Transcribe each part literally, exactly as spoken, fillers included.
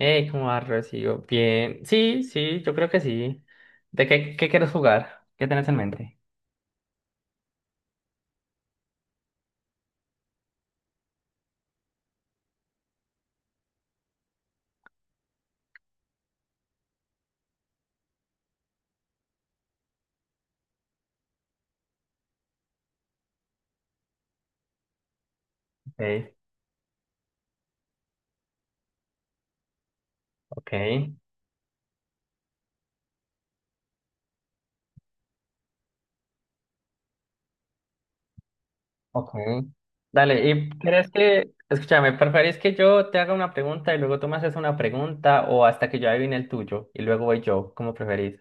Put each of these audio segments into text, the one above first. Hey, ¿cómo vas, Rocío? Bien. Sí, sí, yo creo que sí. ¿De qué, qué quieres jugar? ¿Qué tenés en mente? Ok, ok, ok. Dale, ¿y crees que, escúchame, preferís que yo te haga una pregunta y luego tú me haces una pregunta o hasta que yo adivine el tuyo y luego voy yo, como preferís?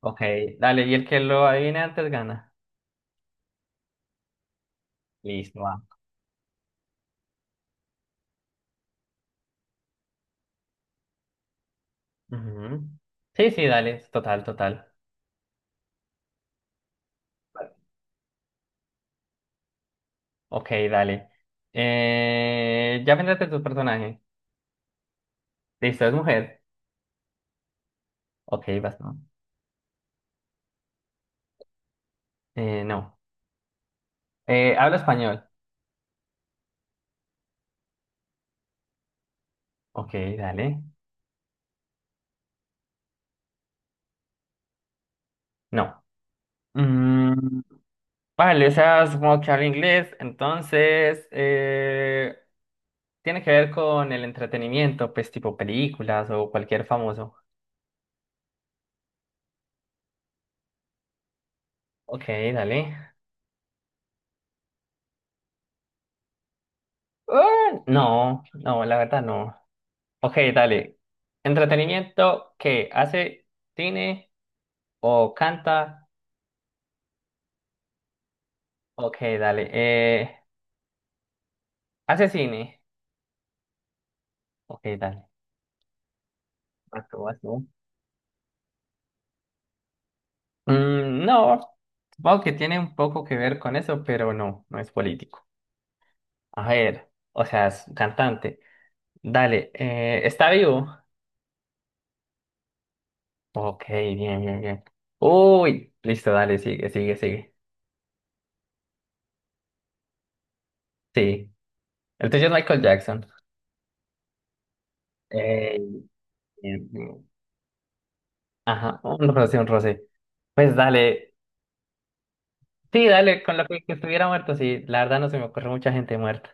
Ok, dale, y el que lo adivine antes gana. Listo, va. Ujú. Sí, sí, dale, total, total. Ok, dale. Eh, ya vendrás de tu personaje. Listo, es mujer. Ok, basta. Eh, no. Eh, ¿habla español? Ok, dale. No. Mm, vale, o sea, supongo que habla inglés, entonces eh, tiene que ver con el entretenimiento, pues tipo películas o cualquier famoso. Ok, dale. Ah, no, no, la verdad no. Ok, dale. ¿Entretenimiento que hace cine o canta? Ok, dale. Eh, ¿hace cine? Ok, dale. Vas tú, vas tú. Mm, no, supongo que tiene un poco que ver con eso, pero no, no es político. A ver, o sea, es un cantante. Dale, eh, ¿está vivo? Ok, bien, bien, bien. Uy, listo, dale, sigue, sigue, sigue. Sí, el tuyo es Michael Jackson. Eh, Bien, bien. Ajá, un roce, un roce. Pues dale, sí, dale, con lo que, que estuviera muerto, sí, la verdad no se me ocurre mucha gente muerta.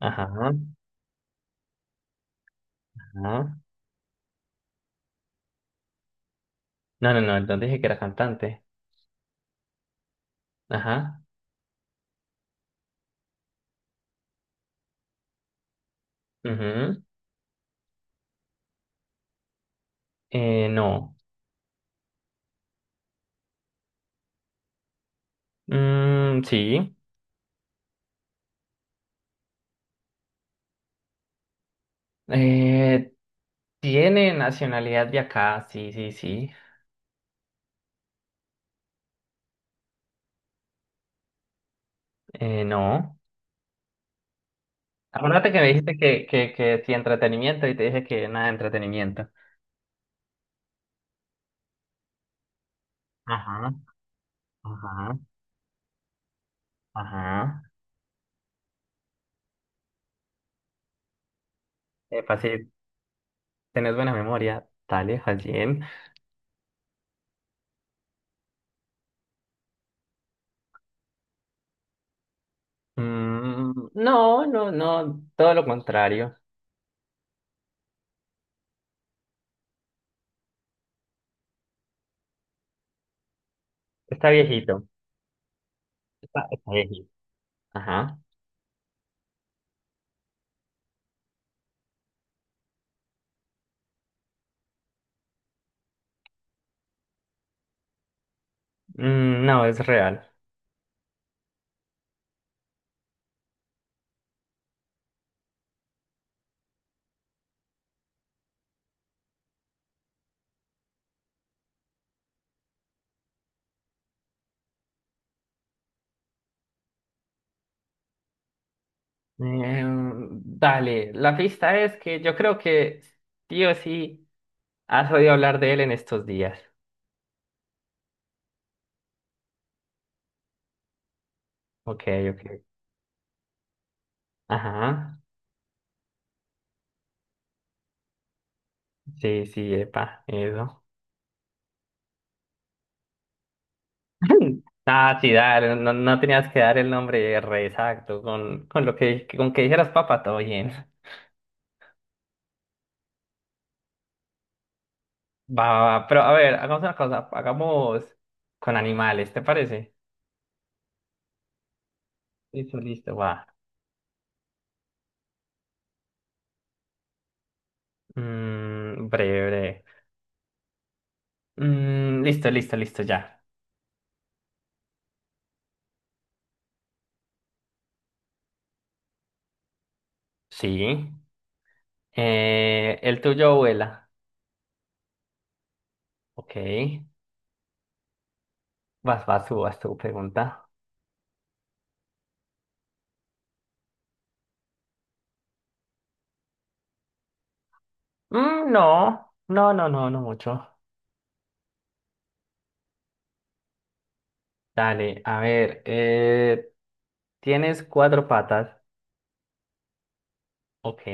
Ajá, ajá. No, no, no, entonces dije que era cantante. Ajá. Ujú. Eh, no. Mm, sí. Eh, Tiene nacionalidad de acá, sí, sí, sí. Eh, no. Acuérdate que me dijiste que, que, que sí, entretenimiento y te dije que nada de entretenimiento. Ajá, ajá, ajá. Epa, sí, tenés buena memoria. Dale, Hajin. Mm, no, no, no, todo lo contrario. Está viejito. Está, está viejito. Ajá. Mm, no, es real. Em, dale, la pista es que yo creo que sí o sí. Has oído hablar de él en estos días. Ok, ok. Ajá. Sí, sí, epa, eso. Ah, sí, dale, no, no tenías que dar el nombre re exacto. Con, con lo que, con que dijeras papa, todo bien. Va, va, va. Pero a ver, hagamos una cosa. Hagamos con animales, ¿te parece? Listo, listo, va. Mm, breve, breve. Mm, listo, listo, listo, ya. Sí. Eh, el tuyo vuela. Ok. Vas, vas tú, vas tú, pregunta. Mm, no, no, no, no, no mucho. Dale, a ver, eh, tienes cuatro patas. Ok,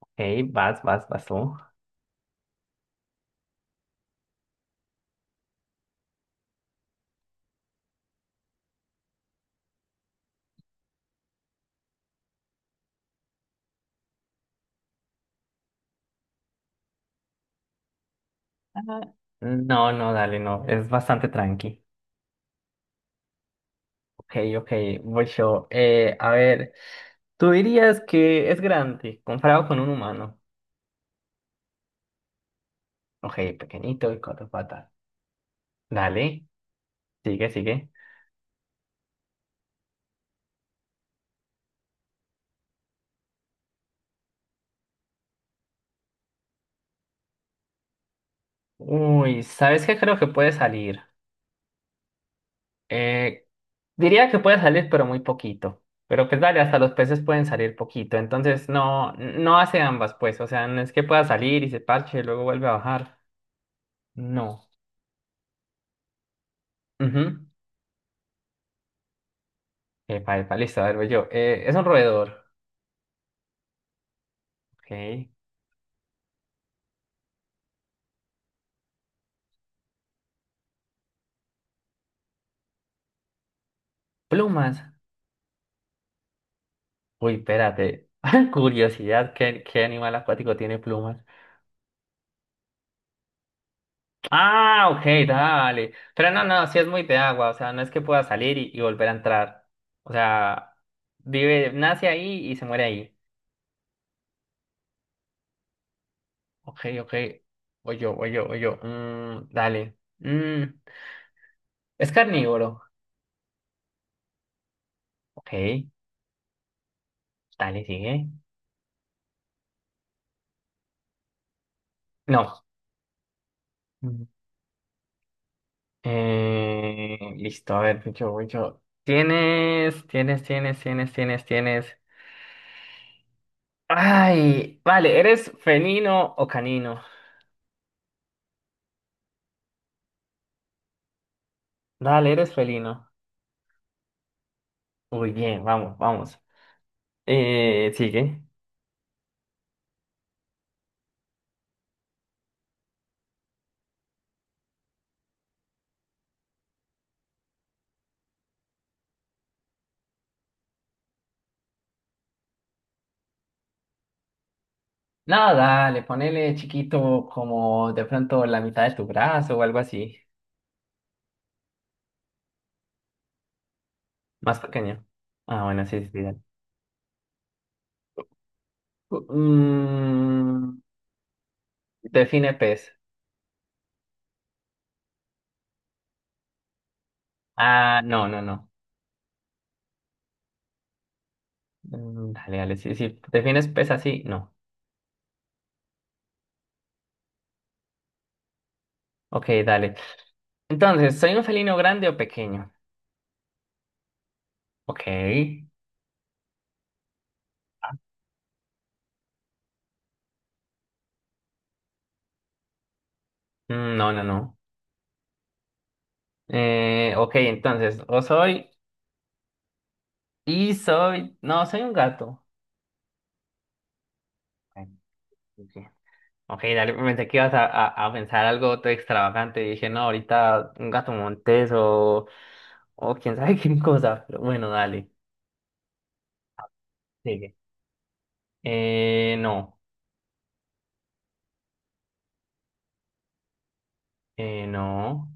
ok, vas, vas, vas tú. Ajá. No, no, dale, no, es bastante tranqui. Ok, ok, voy yo. Eh, a ver, tú dirías que es grande comparado con un humano. Ok, pequeñito y cuatro patas. Dale, sigue, sigue. Uy, ¿sabes qué creo que puede salir? Eh, Diría que puede salir, pero muy poquito. Pero pues dale, hasta los peces pueden salir poquito. Entonces no, no hace ambas, pues. O sea, no es que pueda salir y se parche y luego vuelve a bajar. No. Ujú. Epa, epa, listo, a ver, voy yo. Eh, es un roedor. Ok. Plumas. Uy, espérate. Curiosidad, ¿qué, qué animal acuático tiene plumas? Ah, ok, dale. Pero no, no, sí es muy de agua. O sea, no es que pueda salir y, y volver a entrar. O sea, vive, nace ahí y se muere ahí. Ok, ok. Voy yo, voy yo, voy yo. Mm, dale. Mm, es carnívoro. Ok, dale, sigue. No. Mm. Eh, listo, a ver, voy yo, voy yo. Tienes, tienes, tienes, tienes, tienes, tienes. Ay, vale, ¿eres felino o canino? Dale, eres felino. Muy bien, vamos, vamos. Eh, sigue. No, dale, ponele chiquito como de pronto la mitad de tu brazo o algo así. Más pequeño. Ah, bueno, sí, sí. Mm, define pez. Ah, no, no, no. Mm, dale, dale. Si, si defines pez así, no. Ok, dale. Entonces, ¿soy un felino grande o pequeño? Ok. Mm, no, no, no. Eh, ok, entonces, o soy y soy. No, soy un gato. Ok, sí, sí. Ok, dale, pensé que ibas a, a- a pensar algo todo extravagante. Dije, no, ahorita un gato montés o, o quién sabe qué cosa. Pero bueno, dale. Sigue. Eh, no. Eh, no.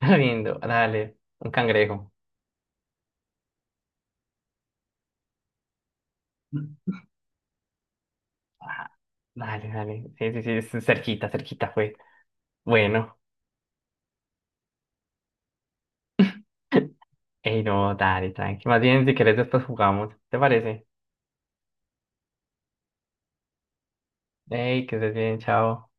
Lindo, dale, un cangrejo. Ah, dale, dale. Sí, sí, sí, es cerquita, cerquita fue. Bueno. Ey, no, dale, tranqui. Más bien, si querés, después jugamos. ¿Te parece? Ey, que estés bien, chao.